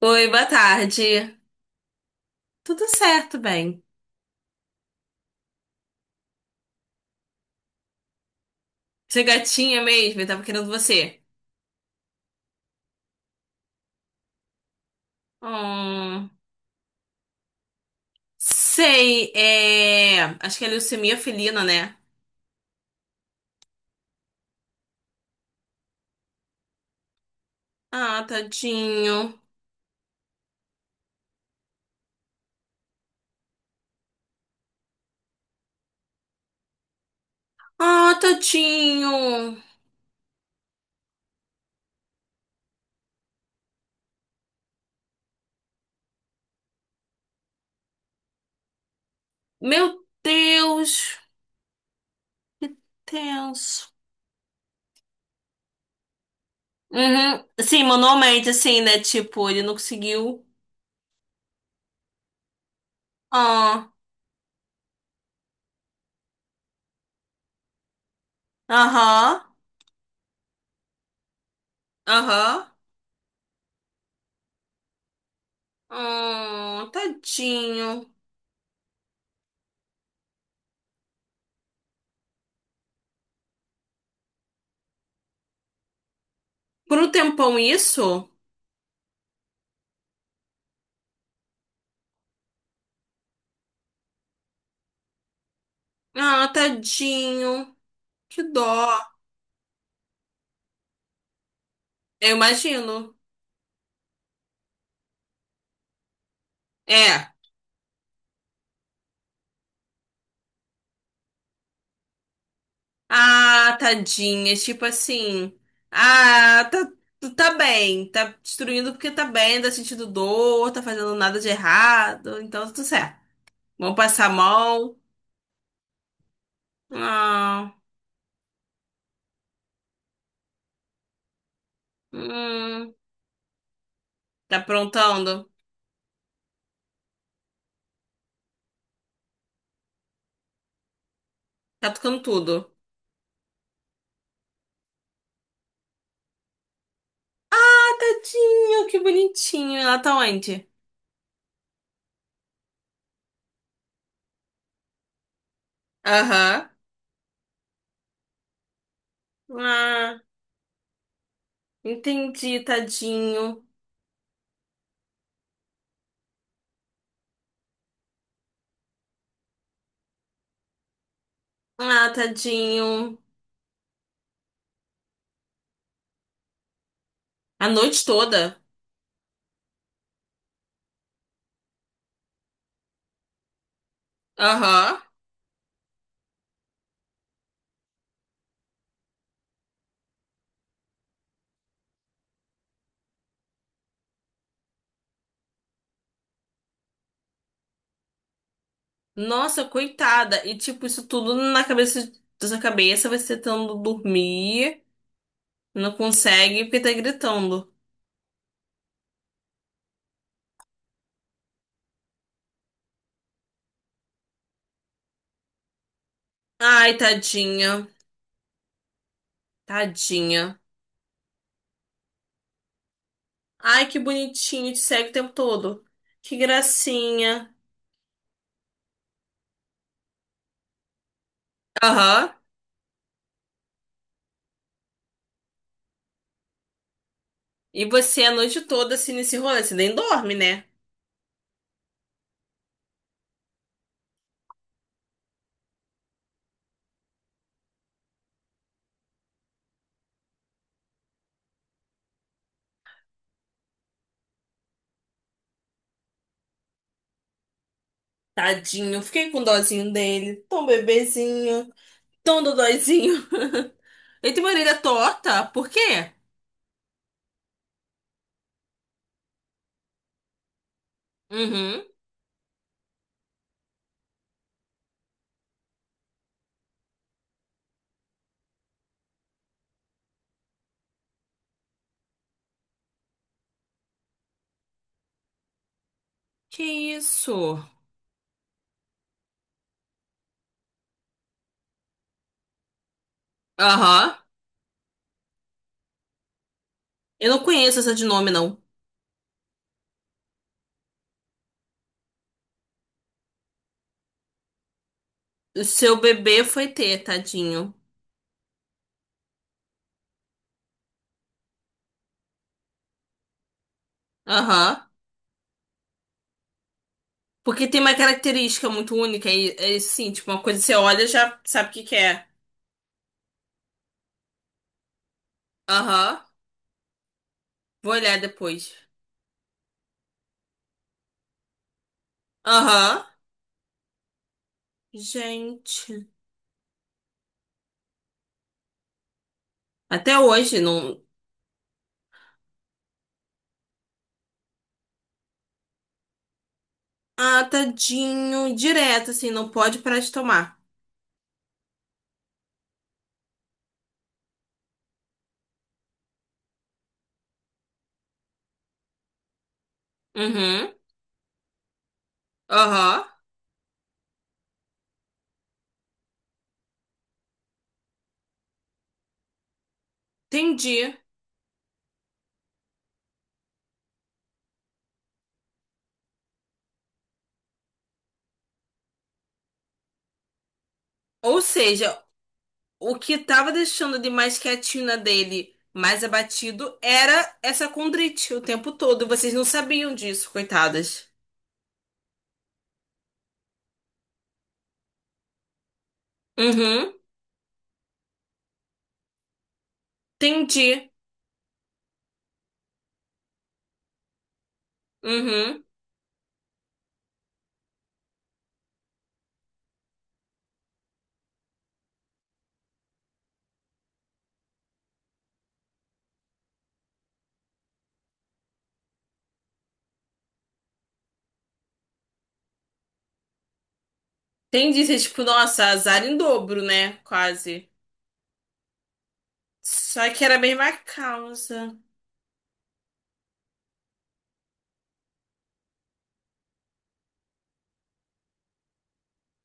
Oi, boa tarde. Tudo certo, bem? Você é gatinha mesmo? Eu tava querendo você. Hum, sei, acho que é leucemia felina, né? Ah, tadinho. Ah, tadinho. Meu Deus, que tenso. Uhum. Sim, manualmente, assim, né? Tipo, ele não conseguiu. Ah, aham, aham. Ah, tadinho. Por um tempão isso? Ah, tadinho. Que dó. Eu imagino. É. Ah, tadinha. Tipo assim. Ah, tá, tu tá bem. Tá destruindo porque tá bem, tá sentindo dor, tá fazendo nada de errado. Então, tá tudo certo. Vamos passar a mão. Ah, hum, tá aprontando? Tá tocando tudo. Ah, tadinho, que bonitinho. Ela tá onde? Aham. Ah, entendi, tadinho. Ah, tadinho. A noite toda. Aham. Nossa, coitada. E tipo, isso tudo na cabeça da sua cabeça, você tentando dormir, não consegue porque tá gritando. Ai, tadinha. Tadinha. Ai, que bonitinho, te segue o tempo todo. Que gracinha. Aham. E você a noite toda assim nesse rolê, você nem dorme, né? Tadinho, fiquei com dozinho dele. Tão bebezinho, tão dodóizinho. Ele tem uma orelha torta, por quê? Uhum. Que isso? Aham. Eu não conheço essa de nome, não. O seu bebê foi ter, tadinho. Aham. Porque tem uma característica muito única e, é assim, tipo, uma coisa que você olha e já sabe o que que é. Aham. Vou olhar depois. Aham. Gente. Até hoje, não. Ah, tadinho. Direto, assim, não pode parar de tomar. Uhum. Aham. Entendi. Ou seja, o que tava deixando de mais quietinho na dele, mais abatido, era essa condrite o tempo todo. Vocês não sabiam disso, coitadas. Uhum, entendi. Uhum, entendi. Vocês, tipo, nossa, azar em dobro, né? Quase. Só que era a mesma causa.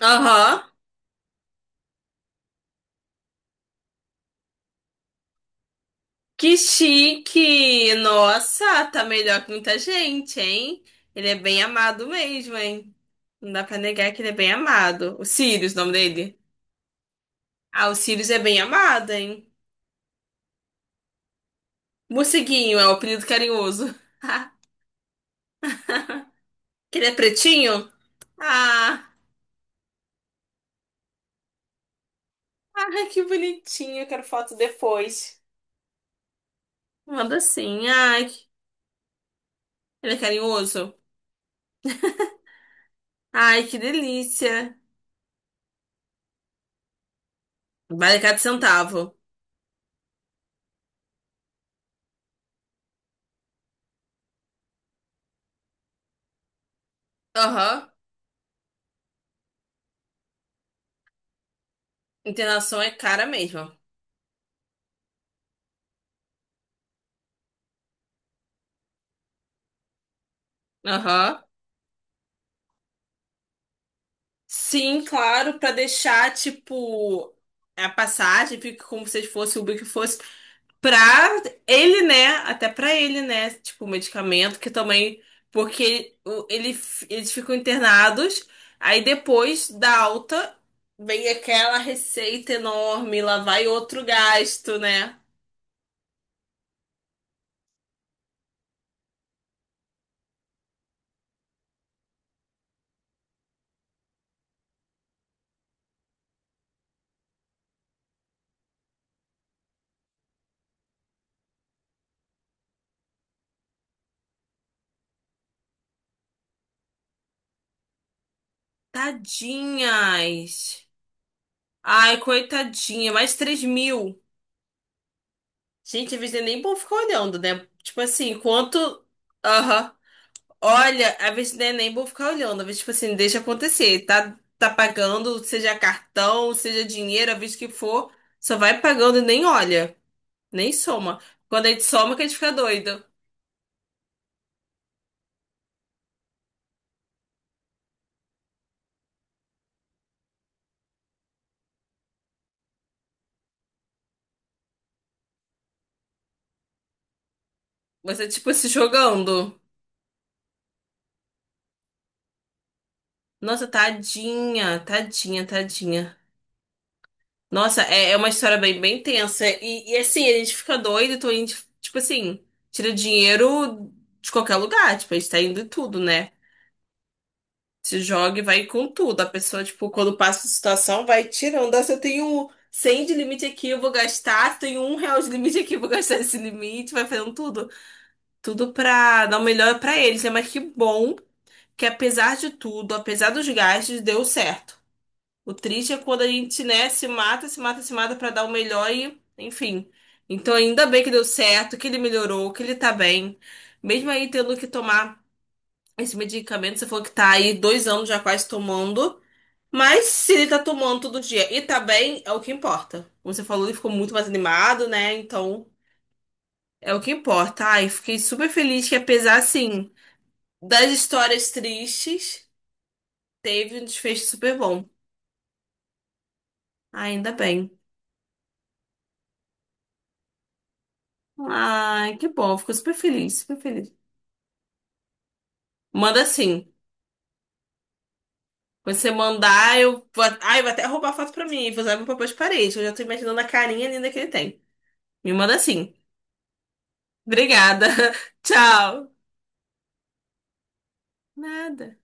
Aham. Que chique! Nossa, tá melhor que muita gente, hein? Ele é bem amado mesmo, hein? Não dá pra negar que ele é bem amado. O Sirius, o nome dele. Ah, o Sirius é bem amado, hein? Morceguinho é o apelido carinhoso. Que ele é pretinho? Ah, ai, que bonitinho. Eu quero foto depois. Manda sim. Ele é carinhoso. Ai, que delícia. Vale cada centavo. Aham. Internação é cara mesmo. Aham. Sim, claro, pra deixar, tipo, a passagem, fica como se fosse o Uber que fosse. Pra ele, né? Até pra ele, né? Tipo, o medicamento que também. Porque ele, eles ficam internados, aí depois da alta vem aquela receita enorme, lá vai outro gasto, né? Tadinhas. Ai, coitadinha, mais 3.000. Gente, às vezes é nem bom ficar olhando, né? Tipo assim, enquanto. Aham. Olha, a vez não é nem vou ficar olhando, às vezes, tipo assim, deixa acontecer. Tá, tá pagando, seja cartão, seja dinheiro, a vez que for, só vai pagando e nem olha, nem soma. Quando a gente soma, que a gente fica doido. Você, tipo, se jogando. Nossa, tadinha, tadinha, tadinha. Nossa, é, é uma história bem, bem tensa. E assim, a gente fica doido, então a gente, tipo assim, tira dinheiro de qualquer lugar, tipo, a gente tá indo em tudo, né? Se joga e vai com tudo. A pessoa, tipo, quando passa a situação, vai tirando. Ah, se eu tenho 100 de limite aqui, eu vou gastar. Se eu tenho R$ 1 de limite aqui, eu vou gastar esse limite. Vai fazendo tudo. Tudo pra dar o melhor pra eles, né? Mas que bom que, apesar de tudo, apesar dos gastos, deu certo. O triste é quando a gente, né, se mata, se mata, se mata pra dar o melhor e, enfim. Então, ainda bem que deu certo, que ele melhorou, que ele tá bem. Mesmo aí tendo que tomar esse medicamento, você falou que tá aí 2 anos já quase tomando. Mas se ele tá tomando todo dia e tá bem, é o que importa. Como você falou, ele ficou muito mais animado, né? Então, é o que importa. Ai, fiquei super feliz que apesar, assim, das histórias tristes, teve um desfecho super bom. Ainda bem. Ai, que bom. Fico super feliz, super feliz. Manda assim. Quando você mandar, eu vou... Ai, vai até roubar a foto pra mim e vou usar meu papel de parede. Eu já tô imaginando a carinha linda que ele tem. Me manda assim. Obrigada. Tchau. Nada.